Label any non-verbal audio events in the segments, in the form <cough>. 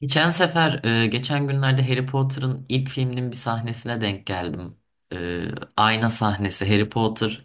Geçen günlerde Harry Potter'ın ilk filminin bir sahnesine denk geldim. E, Ayna sahnesi. Harry Potter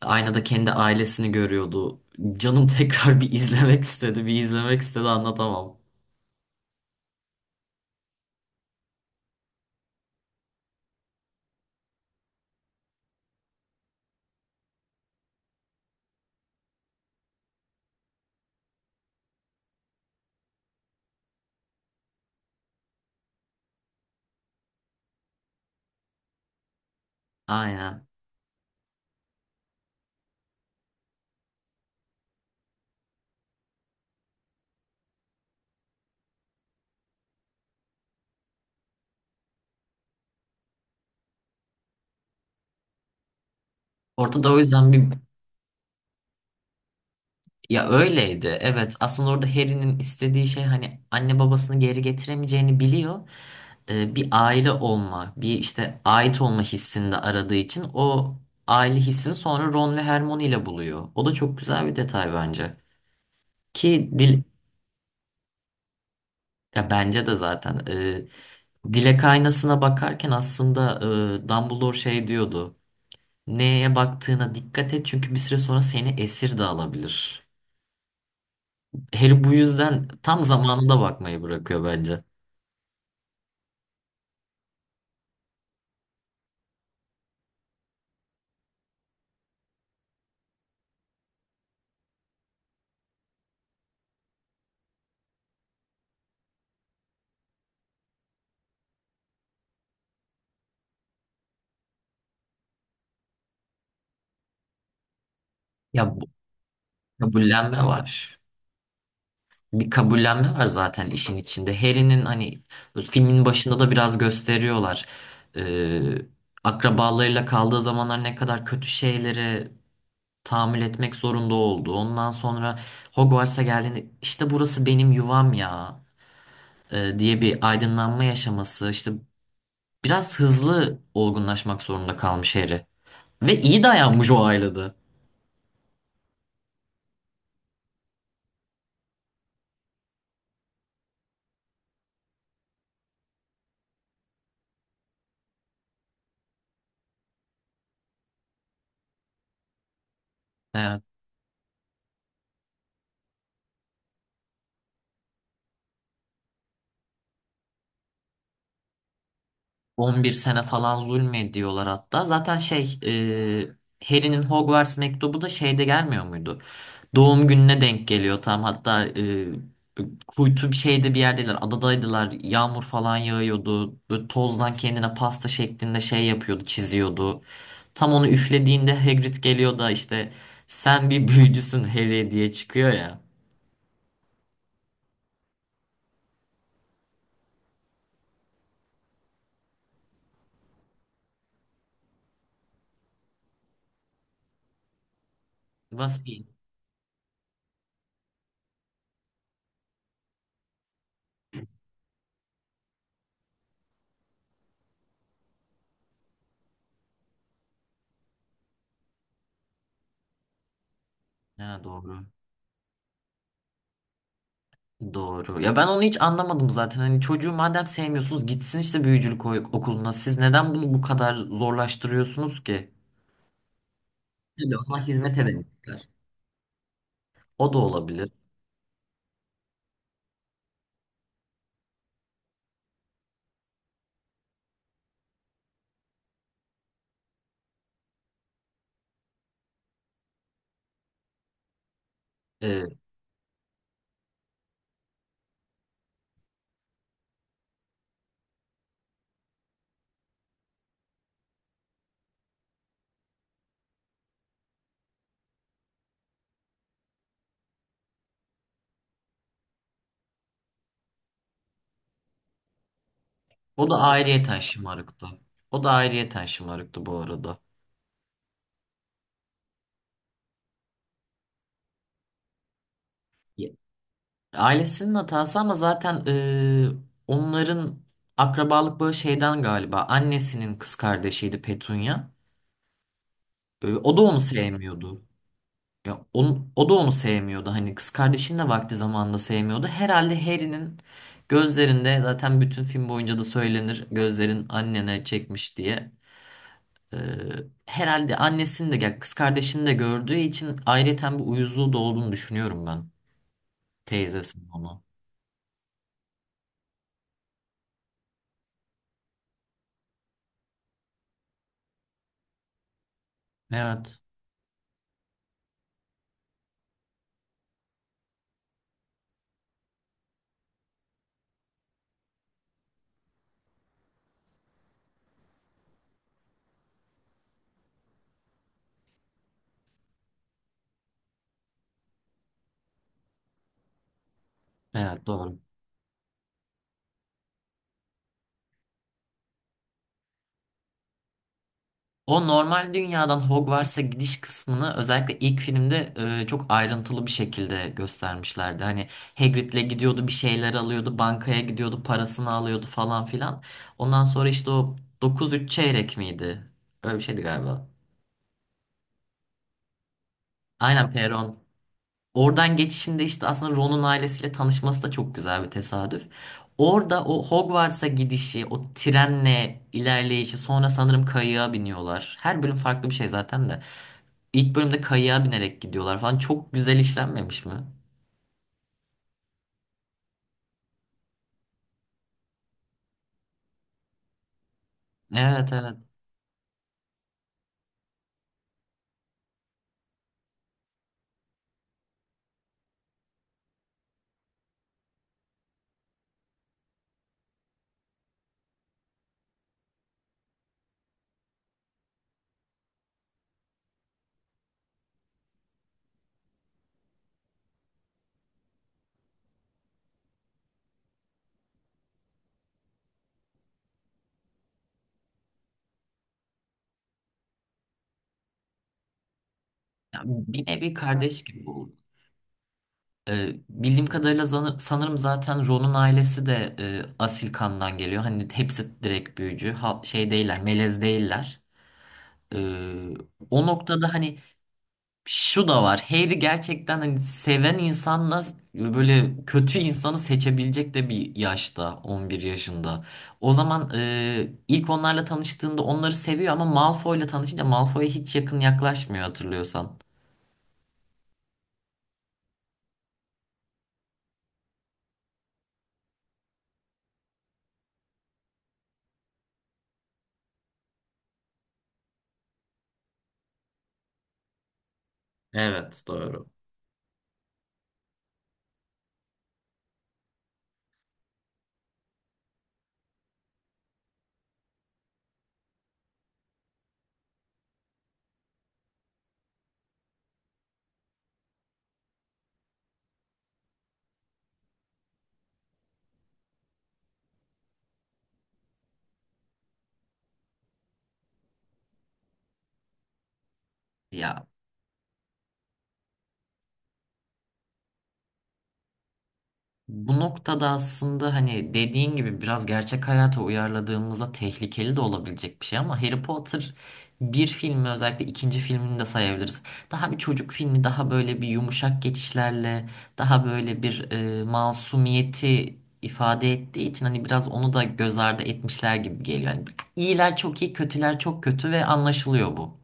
aynada kendi ailesini görüyordu. Canım <laughs> tekrar bir izlemek istedi, bir izlemek istedi anlatamam. Aynen. Ortada, o yüzden bir ya öyleydi. Evet. Aslında orada Harry'nin istediği şey, hani anne babasını geri getiremeyeceğini biliyor. Bir aile olma, bir işte ait olma hissini de aradığı için o aile hissini sonra Ron ve Hermione ile buluyor. O da çok güzel bir detay bence. Ki dil, ya bence de zaten. Dilek aynasına bakarken aslında, Dumbledore şey diyordu. Neye baktığına dikkat et, çünkü bir süre sonra seni esir de alabilir. Harry bu yüzden tam zamanında bakmayı bırakıyor bence. Ya, bu kabullenme var. Bir kabullenme var zaten işin içinde. Harry'nin hani filmin başında da biraz gösteriyorlar. Ee, Akrabalarıyla kaldığı zamanlar ne kadar kötü şeylere tahammül etmek zorunda oldu. Ondan sonra Hogwarts'a geldiğinde, işte burası benim yuvam ya, diye bir aydınlanma yaşaması. İşte biraz hızlı olgunlaşmak zorunda kalmış Harry. Ve iyi dayanmış o ailede. Evet. 11 sene falan zulmediyorlar hatta. Harry'nin Hogwarts mektubu da şeyde gelmiyor muydu? Doğum gününe denk geliyor tam hatta, kuytu bir şeyde bir yerdeler, adadaydılar, yağmur falan yağıyordu, böyle tozdan kendine pasta şeklinde şey yapıyordu, çiziyordu. Tam onu üflediğinde Hagrid geliyor da, işte sen bir büyücüsün Harry, diye çıkıyor ya. Vasiyet. Ha, doğru. Doğru. Ya ben onu hiç anlamadım zaten. Hani çocuğu madem sevmiyorsunuz, gitsin işte büyücülük okuluna. Siz neden bunu bu kadar zorlaştırıyorsunuz ki? Tabii, o zaman hizmet edememişler. O da olabilir. Ee, O da ayrıyeten şımarıktı. O da ayrıyeten şımarıktı bu arada. Ya- Ailesinin hatası, ama zaten, onların akrabalık böyle şeyden galiba. Annesinin kız kardeşiydi Petunia. O da onu sevmiyordu. Ya o da onu sevmiyordu. Hani kız kardeşini de vakti zamanında sevmiyordu. Herhalde Harry'nin gözlerinde, zaten bütün film boyunca da söylenir gözlerin annene çekmiş diye. Ee, Herhalde annesini, de ya kız kardeşini de gördüğü için ayrıyeten bir uyuzluğu da olduğunu düşünüyorum ben. Teyzesinin onu. Evet. Evet, doğru. O normal dünyadan Hogwarts'a gidiş kısmını özellikle ilk filmde, çok ayrıntılı bir şekilde göstermişlerdi. Hani Hagrid'le gidiyordu, bir şeyler alıyordu, bankaya gidiyordu, parasını alıyordu falan filan. Ondan sonra işte o dokuz üç çeyrek miydi? Öyle bir şeydi galiba. Aynen Perron. Oradan geçişinde, işte aslında Ron'un ailesiyle tanışması da çok güzel bir tesadüf. Orada o Hogwarts'a gidişi, o trenle ilerleyişi, sonra sanırım kayığa biniyorlar. Her bölüm farklı bir şey zaten de. İlk bölümde kayığa binerek gidiyorlar falan. Çok güzel işlenmemiş mi? Evet, evet. Ya, bir nevi kardeş gibi oldu. Bildiğim kadarıyla sanırım zaten Ron'un ailesi de, asil kandan geliyor. Hani hepsi direkt büyücü. Şey değiller, melez değiller. Ee, O noktada hani şu da var. Harry gerçekten hani seven insanla böyle kötü insanı seçebilecek de bir yaşta, 11 yaşında. O zaman, ilk onlarla tanıştığında onları seviyor, ama Malfoy'la tanışınca Malfoy'a hiç yakın yaklaşmıyor hatırlıyorsan. Evet, doğru. Ya, bu noktada aslında, hani dediğin gibi biraz gerçek hayata uyarladığımızda tehlikeli de olabilecek bir şey, ama Harry Potter bir filmi, özellikle ikinci filmini de sayabiliriz. Daha bir çocuk filmi, daha böyle bir yumuşak geçişlerle, daha böyle bir, masumiyeti ifade ettiği için hani biraz onu da göz ardı etmişler gibi geliyor. Yani iyiler çok iyi, kötüler çok kötü ve anlaşılıyor bu.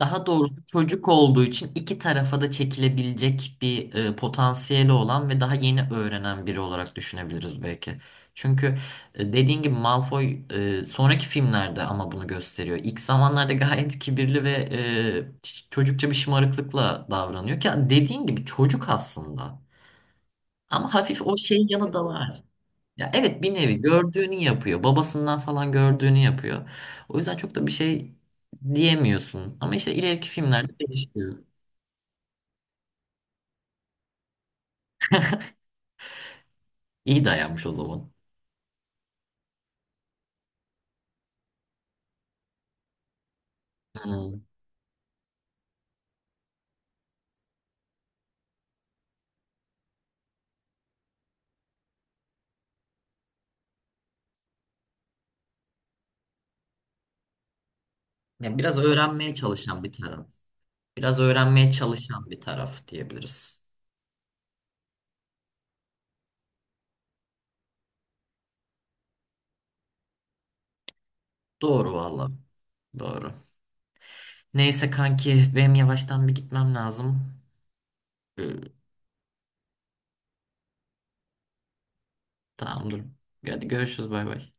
Daha doğrusu çocuk olduğu için iki tarafa da çekilebilecek bir, potansiyeli olan ve daha yeni öğrenen biri olarak düşünebiliriz belki. Çünkü dediğin gibi Malfoy, sonraki filmlerde ama bunu gösteriyor. İlk zamanlarda gayet kibirli ve, çocukça bir şımarıklıkla davranıyor, ki dediğin gibi çocuk aslında. Ama hafif o şeyin yanı da var. Ya evet, bir nevi gördüğünü yapıyor. Babasından falan gördüğünü yapıyor. O yüzden çok da bir şey diyemiyorsun. Ama işte ileriki filmlerde değişiyor. İyi dayanmış o zaman. Hmm. Ya, biraz öğrenmeye çalışan bir taraf. Biraz öğrenmeye çalışan bir taraf diyebiliriz. Doğru valla. Doğru. Neyse kanki, benim yavaştan bir gitmem lazım. Ee, tamam, dur. Hadi görüşürüz, bay bay.